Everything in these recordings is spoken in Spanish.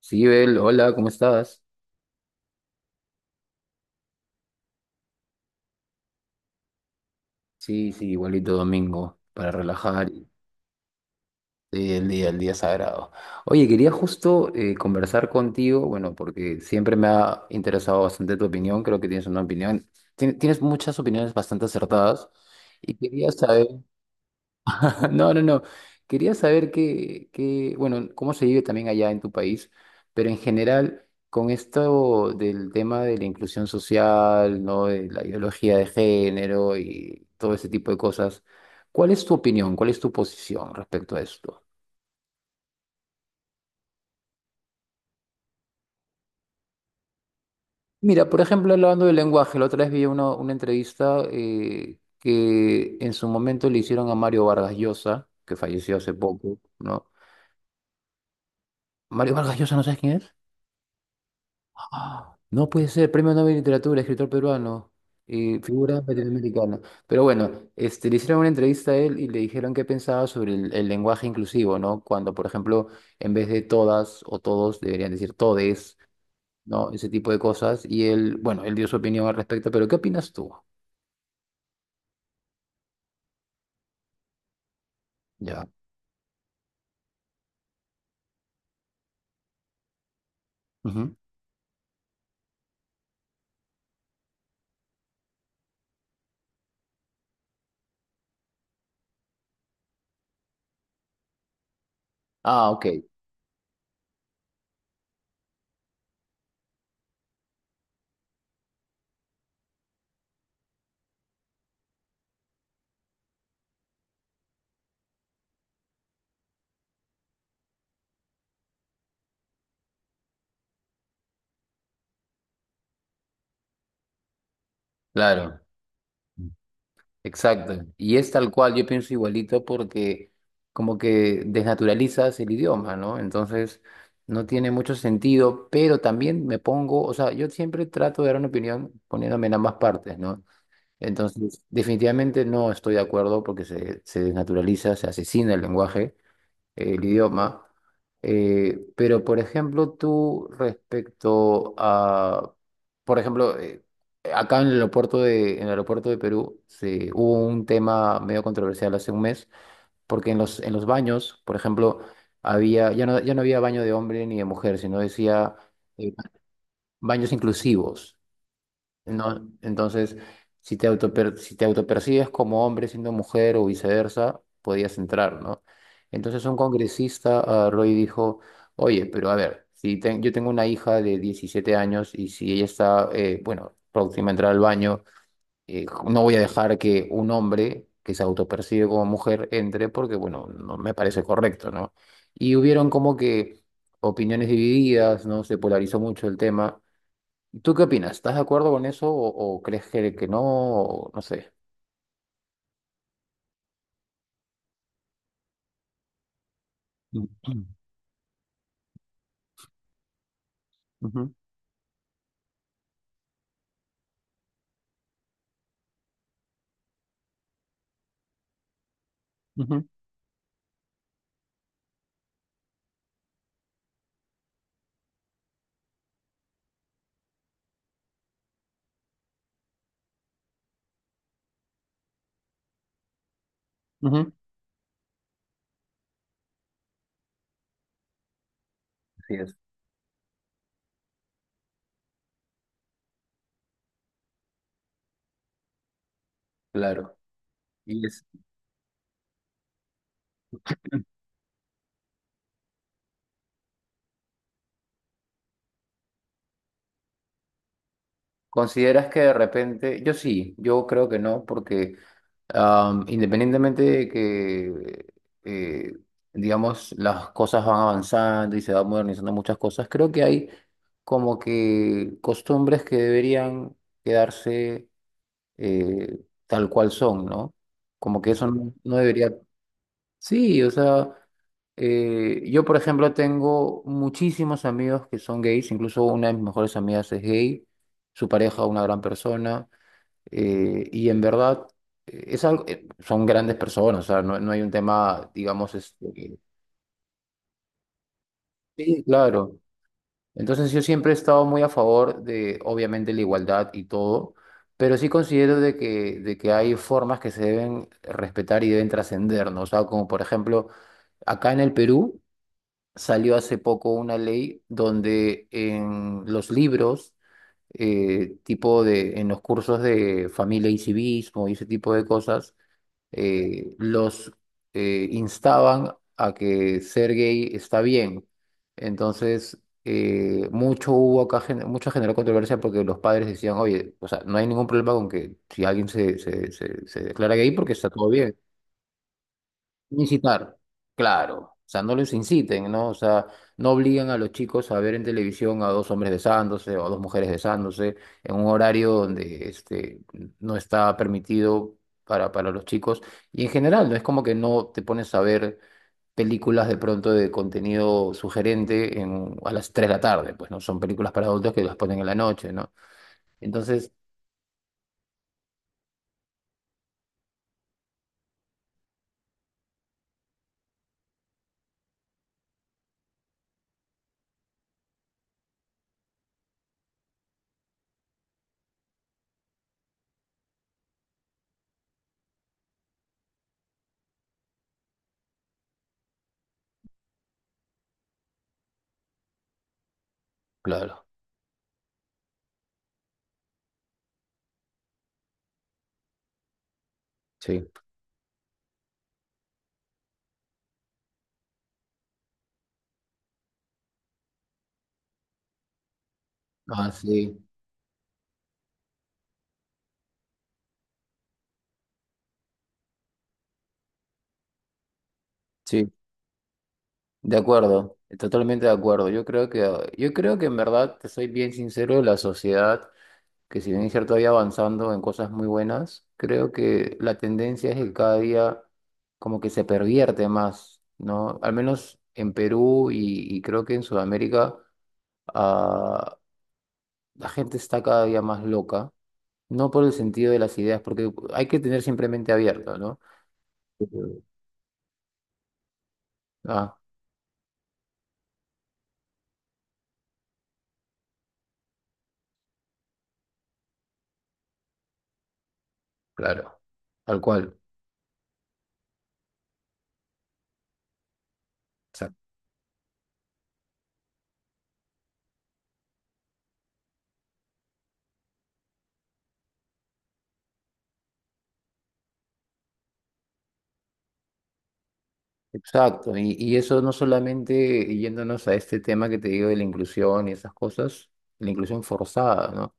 Sí, Bel, hola, ¿cómo estás? Sí, sí, igualito domingo, para relajar y sí, el día sagrado. Oye, quería justo conversar contigo, bueno, porque siempre me ha interesado bastante tu opinión, creo que tienes una opinión, tienes muchas opiniones bastante acertadas y quería saber. No, no, no. Quería saber qué, bueno, cómo se vive también allá en tu país, pero en general, con esto del tema de la inclusión social, ¿no? De la ideología de género y todo ese tipo de cosas, ¿cuál es tu opinión? ¿Cuál es tu posición respecto a esto? Mira, por ejemplo, hablando del lenguaje, la otra vez vi una entrevista que en su momento le hicieron a Mario Vargas Llosa, que falleció hace poco, ¿no? Mario Vargas Llosa, ¿no sabes quién es? Ah, no puede ser, Premio Nobel de Literatura, escritor peruano y figura latinoamericana. Pero bueno, este, le hicieron una entrevista a él y le dijeron qué pensaba sobre el lenguaje inclusivo, ¿no? Cuando, por ejemplo, en vez de todas o todos, deberían decir todes, ¿no? Ese tipo de cosas. Y él, bueno, él dio su opinión al respecto, pero ¿qué opinas tú? Ya. Ujú. Ah, ok, claro. Exacto. Y es tal cual, yo pienso igualito porque como que desnaturalizas el idioma, ¿no? Entonces no tiene mucho sentido, pero también me pongo, o sea, yo siempre trato de dar una opinión poniéndome en ambas partes, ¿no? Entonces, definitivamente no estoy de acuerdo porque se desnaturaliza, se asesina el lenguaje, el idioma. Pero, por ejemplo, tú respecto a, por ejemplo, acá en el aeropuerto de, en el aeropuerto de Perú se, hubo un tema medio controversial hace un mes, porque en los baños, por ejemplo, había, ya no, ya no había baño de hombre ni de mujer, sino decía eh, baños inclusivos. No, entonces, si si te autopercibes como hombre siendo mujer o viceversa, podías entrar, ¿no? Entonces un congresista, ah, Roy, dijo, oye, pero a ver, si ten- yo tengo una hija de 17 años y si ella está, bueno, próxima a entrar al baño, no voy a dejar que un hombre que se autopercibe como mujer entre porque, bueno, no me parece correcto, ¿no? Y hubieron como que opiniones divididas, ¿no? Se polarizó mucho el tema. ¿Tú qué opinas? ¿Estás de acuerdo con eso o crees que no? O no sé. Ujú, ujú, ujú, ujú. Así es. Claro. Y es- ¿Consideras que de repente, yo sí, yo creo que no, porque independientemente de que, eh, digamos, las cosas van avanzando y se van modernizando muchas cosas, creo que hay como que costumbres que deberían quedarse eh, tal cual son, ¿no? Como que eso no, no debería. Sí, o sea, yo por ejemplo tengo muchísimos amigos que son gays, incluso una de mis mejores amigas es gay, su pareja una gran persona, y en verdad es algo, son grandes personas, o sea, no, no hay un tema, digamos, este, sí, claro. Entonces yo siempre he estado muy a favor de, obviamente, la igualdad y todo, pero sí considero de que hay formas que se deben respetar y deben trascender, ¿no? O sea, como por ejemplo... Acá en el Perú, salió hace poco una ley donde en los libros, tipo de, en los cursos de familia y civismo y ese tipo de cosas, los instaban a que ser gay está bien. Entonces, mucho hubo acá, mucha generó controversia porque los padres decían, oye, o sea, no hay ningún problema con que si alguien se declara gay porque está todo bien. Incitar, claro. O sea, no los inciten, ¿no? O sea, no obligan a los chicos a ver en televisión a dos hombres besándose o a dos mujeres besándose en un horario donde este, no está permitido para los chicos. Y en general, no es como que no te pones a ver películas de pronto de contenido sugerente en, a las 3 de la tarde, pues, ¿no? Son películas para adultos que las ponen en la noche, ¿no? Entonces, claro, sí. Ah, sí, sí. De acuerdo, totalmente de acuerdo. Yo creo que en verdad, te soy bien sincero, la sociedad, que si bien es cierto, vaya avanzando en cosas muy buenas, creo que la tendencia es que cada día como que se pervierte más, ¿no? Al menos en Perú y creo que en Sudamérica, ah, la gente está cada día más loca, no por el sentido de las ideas, porque hay que tener siempre mente abierta, ¿no? Ujú. Ah, claro, tal cual. Exacto, y eso no solamente yéndonos a este tema que te digo de la inclusión y esas cosas, la inclusión forzada, ¿no?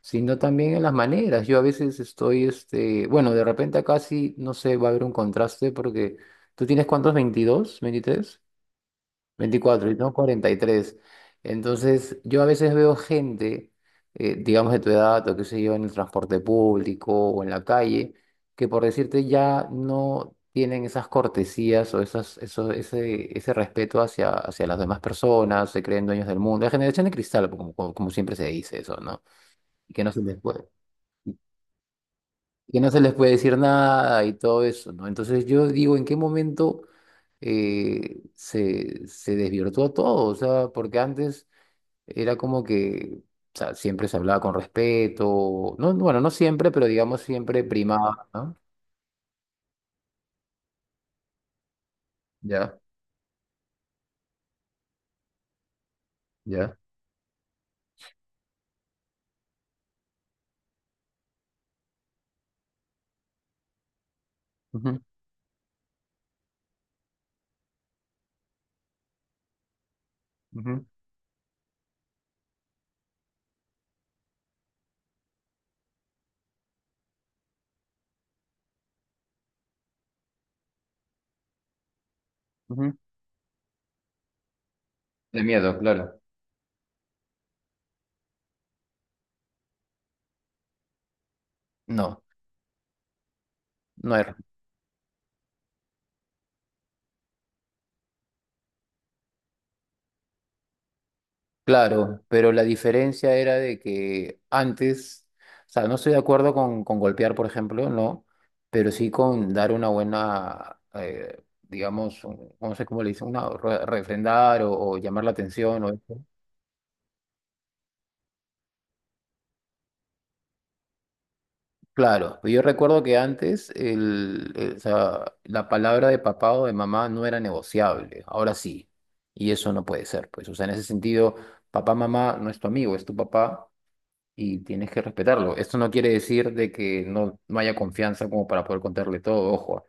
Sino también en las maneras. Yo a veces estoy, este, bueno, de repente acá sí, no sé, va a haber un contraste porque tú tienes cuántos, 22, 23? 24, yo tengo 43. Entonces, yo a veces veo gente, digamos de tu edad o qué sé yo, en el transporte público o en la calle, que por decirte ya no tienen esas cortesías o esas, eso, ese respeto hacia, hacia las demás personas, se creen dueños del mundo. La generación de cristal, como, como, como siempre se dice eso, ¿no? Y que no se les puede, que no se les puede decir nada y todo eso, ¿no? Entonces, yo digo, ¿en qué momento... se, se desvirtuó todo, o sea, porque antes era como que, o sea, siempre se hablaba con respeto. No, bueno, no siempre, pero digamos siempre primaba, ¿no? Ya, ya. Ujú, ujú, ujú. De miedo, claro. No, no era. Claro, pero la diferencia era de que antes, o sea, no estoy de acuerdo con golpear, por ejemplo, no, pero sí con dar una buena, digamos, no sé cómo le dicen, una refrendar o llamar la atención o eso. Claro, pero yo recuerdo que antes o sea, la palabra de papá o de mamá no era negociable, ahora sí, y eso no puede ser, pues, o sea, en ese sentido, papá, mamá no es tu amigo, es tu papá y tienes que respetarlo. Esto no quiere decir de que no, no haya confianza como para poder contarle todo, ojo,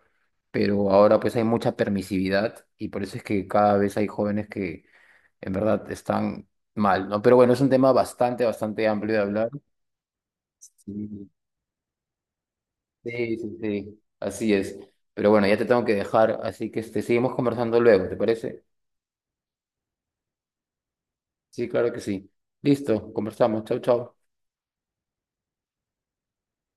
pero ahora pues hay mucha permisividad y por eso es que cada vez hay jóvenes que en verdad están mal, ¿no? Pero bueno, es un tema bastante, bastante amplio de hablar. Sí. Sí, sí, sí, así es. Pero bueno, ya te tengo que dejar, así que este, seguimos conversando luego, ¿te parece? Sí, claro que sí. Listo, conversamos. Chau, chau.